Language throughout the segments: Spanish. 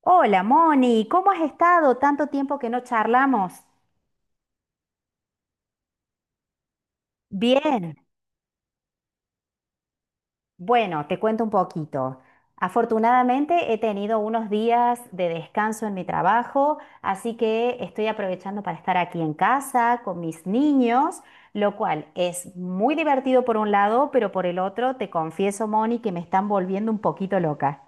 Hola, Moni, ¿cómo has estado? Tanto tiempo que no charlamos. Bien. Bueno, te cuento un poquito. Afortunadamente he tenido unos días de descanso en mi trabajo, así que estoy aprovechando para estar aquí en casa con mis niños, lo cual es muy divertido por un lado, pero por el otro, te confieso, Moni, que me están volviendo un poquito loca.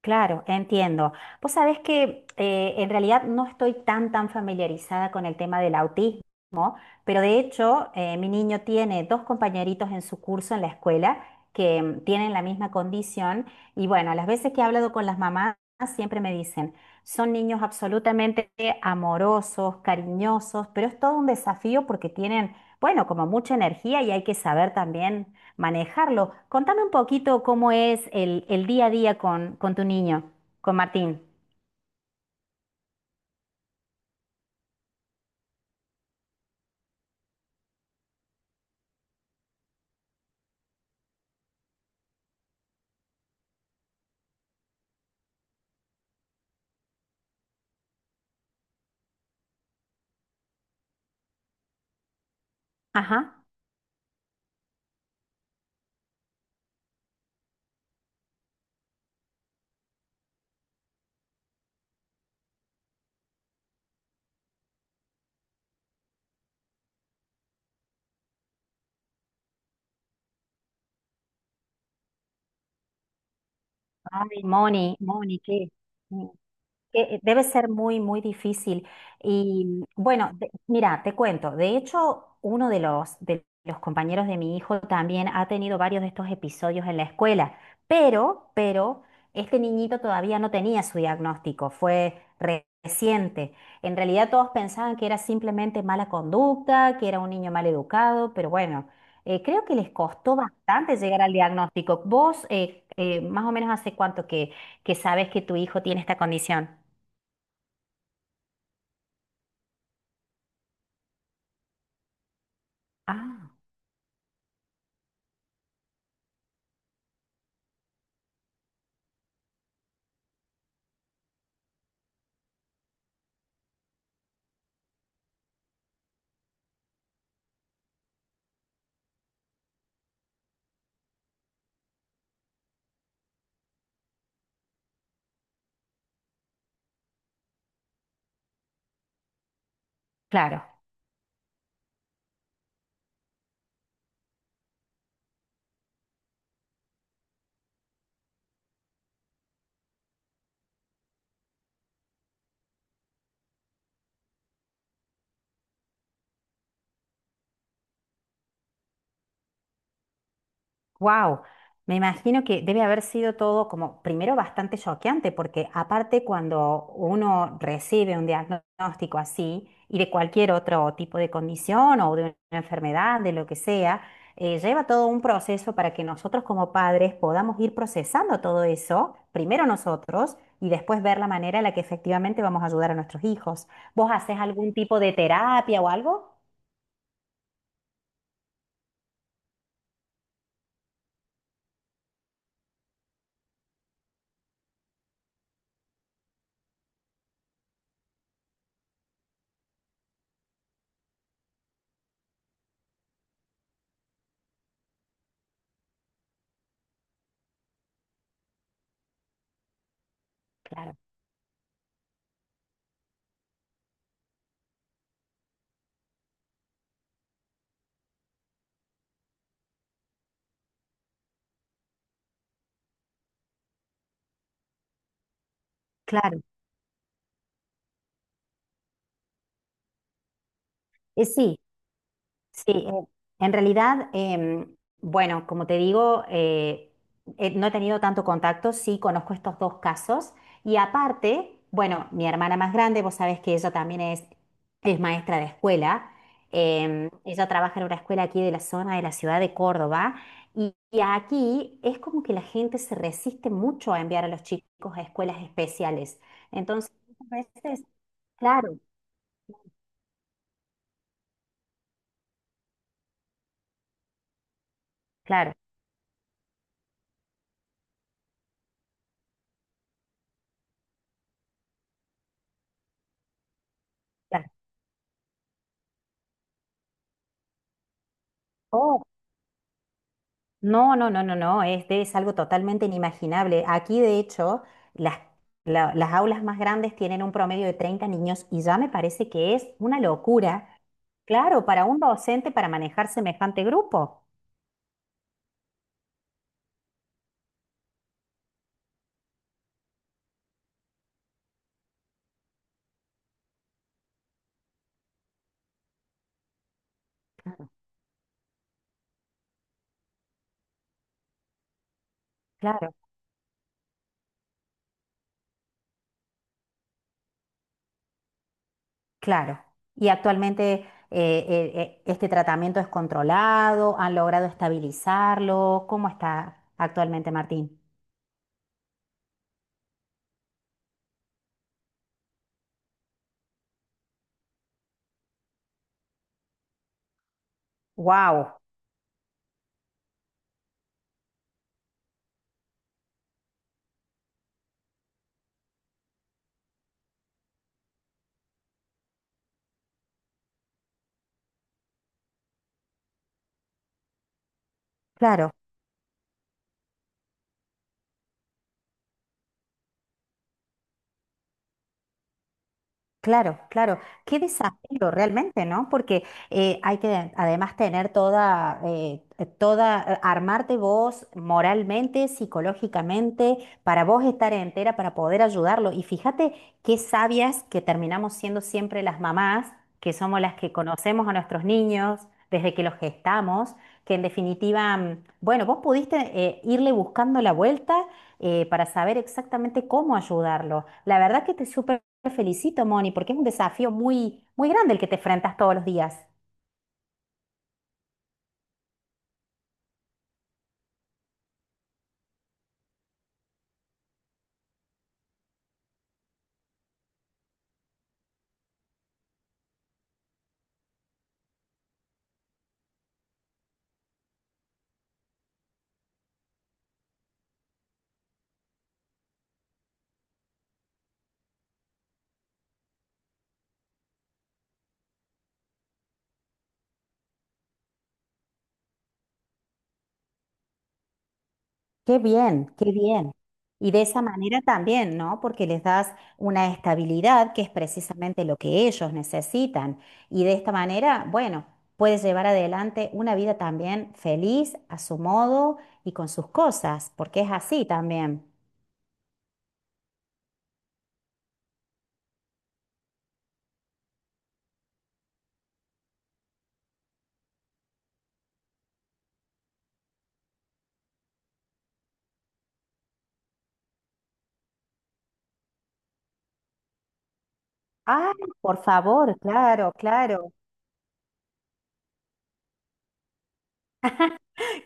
Claro, entiendo. Vos sabés que en realidad no estoy tan familiarizada con el tema del autismo, pero de hecho mi niño tiene dos compañeritos en su curso en la escuela que tienen la misma condición. Y bueno, las veces que he hablado con las mamás siempre me dicen, son niños absolutamente amorosos, cariñosos, pero es todo un desafío porque tienen, bueno, como mucha energía y hay que saber también manejarlo. Contame un poquito cómo es el día a día con tu niño, con Martín. Ajá. Ay, Moni, Moni, que debe ser muy, muy difícil. Y bueno, mira, te cuento, de hecho, uno de los compañeros de mi hijo también ha tenido varios de estos episodios en la escuela, pero este niñito todavía no tenía su diagnóstico, fue reciente. En realidad todos pensaban que era simplemente mala conducta, que era un niño mal educado, pero bueno. Creo que les costó bastante llegar al diagnóstico. ¿Vos más o menos hace cuánto que sabes que tu hijo tiene esta condición? Ah, claro. Wow, me imagino que debe haber sido todo como primero bastante choqueante, porque aparte cuando uno recibe un diagnóstico así y de cualquier otro tipo de condición o de una enfermedad, de lo que sea, lleva todo un proceso para que nosotros como padres podamos ir procesando todo eso, primero nosotros y después ver la manera en la que efectivamente vamos a ayudar a nuestros hijos. ¿Vos haces algún tipo de terapia o algo? Claro, claro. Sí. Sí, en realidad, bueno, como te digo, no he tenido tanto contacto, sí conozco estos dos casos y aparte, bueno, mi hermana más grande, vos sabés que ella también es maestra de escuela, ella trabaja en una escuela aquí de la zona de la ciudad de Córdoba y aquí es como que la gente se resiste mucho a enviar a los chicos a escuelas especiales. Entonces, muchas veces, claro, claro, claro. No, no, no, no, no, es algo totalmente inimaginable. Aquí, de hecho, las, las aulas más grandes tienen un promedio de 30 niños y ya me parece que es una locura, claro, para un docente para manejar semejante grupo. Claro. Claro, claro. Y actualmente este tratamiento es controlado, han logrado estabilizarlo. ¿Cómo está actualmente, Martín? Wow, claro. Claro, claro. Qué desafío realmente, ¿no? Porque hay que además tener toda, armarte vos moralmente, psicológicamente, para vos estar entera, para poder ayudarlo. Y fíjate qué sabias que terminamos siendo siempre las mamás, que somos las que conocemos a nuestros niños desde que los gestamos, que en definitiva, mm, bueno, vos pudiste irle buscando la vuelta para saber exactamente cómo ayudarlo. La verdad que te súper te felicito, Moni, porque es un desafío muy, muy grande el que te enfrentas todos los días. Qué bien, qué bien. Y de esa manera también, ¿no? Porque les das una estabilidad que es precisamente lo que ellos necesitan. Y de esta manera, bueno, puedes llevar adelante una vida también feliz a su modo y con sus cosas, porque es así también. Ah, por favor, claro, claro.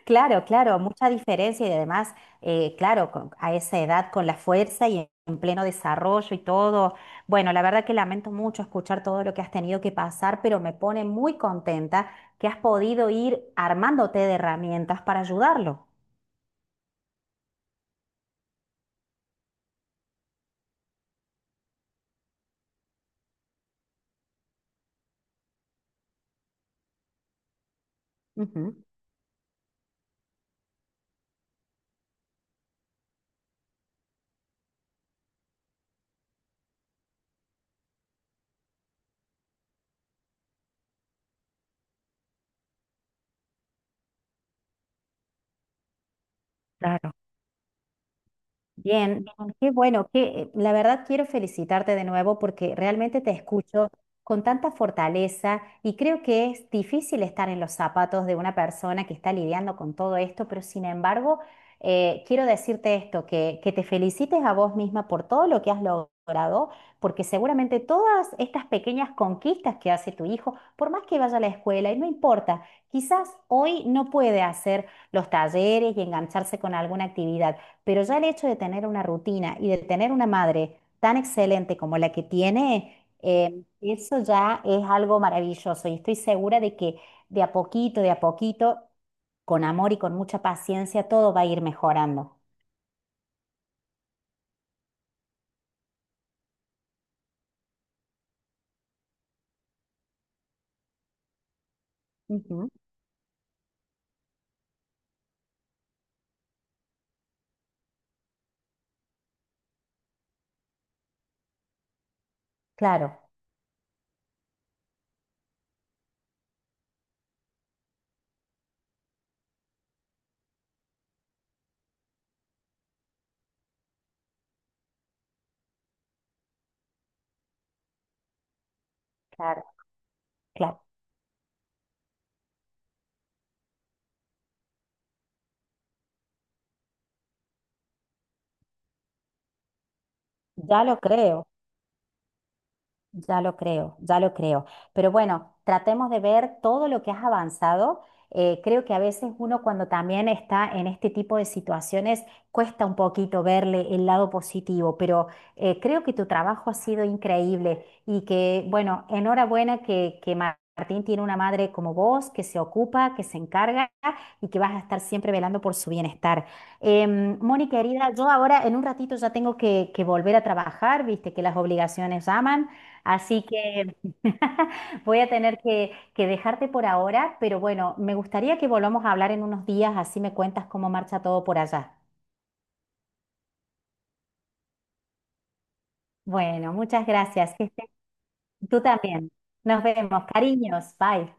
Claro, claro, mucha diferencia y además, claro, a esa edad con la fuerza y en pleno desarrollo y todo. Bueno, la verdad que lamento mucho escuchar todo lo que has tenido que pasar, pero me pone muy contenta que has podido ir armándote de herramientas para ayudarlo. Ujú. Claro. Bien, bien, qué bueno, que la verdad quiero felicitarte de nuevo porque realmente te escucho con tanta fortaleza y creo que es difícil estar en los zapatos de una persona que está lidiando con todo esto, pero sin embargo, quiero decirte esto, que te felicites a vos misma por todo lo que has logrado, porque seguramente todas estas pequeñas conquistas que hace tu hijo, por más que vaya a la escuela, y no importa, quizás hoy no puede hacer los talleres y engancharse con alguna actividad. Pero ya el hecho de tener una rutina y de tener una madre tan excelente como la que tiene, eso ya es algo maravilloso y estoy segura de que de a poquito, con amor y con mucha paciencia, todo va a ir mejorando. Ujú. Claro, claro, claro. Ya lo creo. Ya lo creo, ya lo creo. Pero bueno, tratemos de ver todo lo que has avanzado. Creo que a veces uno cuando también está en este tipo de situaciones cuesta un poquito verle el lado positivo, pero creo que tu trabajo ha sido increíble y que, bueno, enhorabuena que Martín tiene una madre como vos, que se ocupa, que se encarga y que vas a estar siempre velando por su bienestar. Moni, querida, yo ahora en un ratito ya tengo que volver a trabajar, viste que las obligaciones llaman. Así que voy a tener que dejarte por ahora, pero bueno, me gustaría que volvamos a hablar en unos días, así me cuentas cómo marcha todo por allá. Bueno, muchas gracias. Que estés- Tú también. Nos vemos. Cariños. Bye.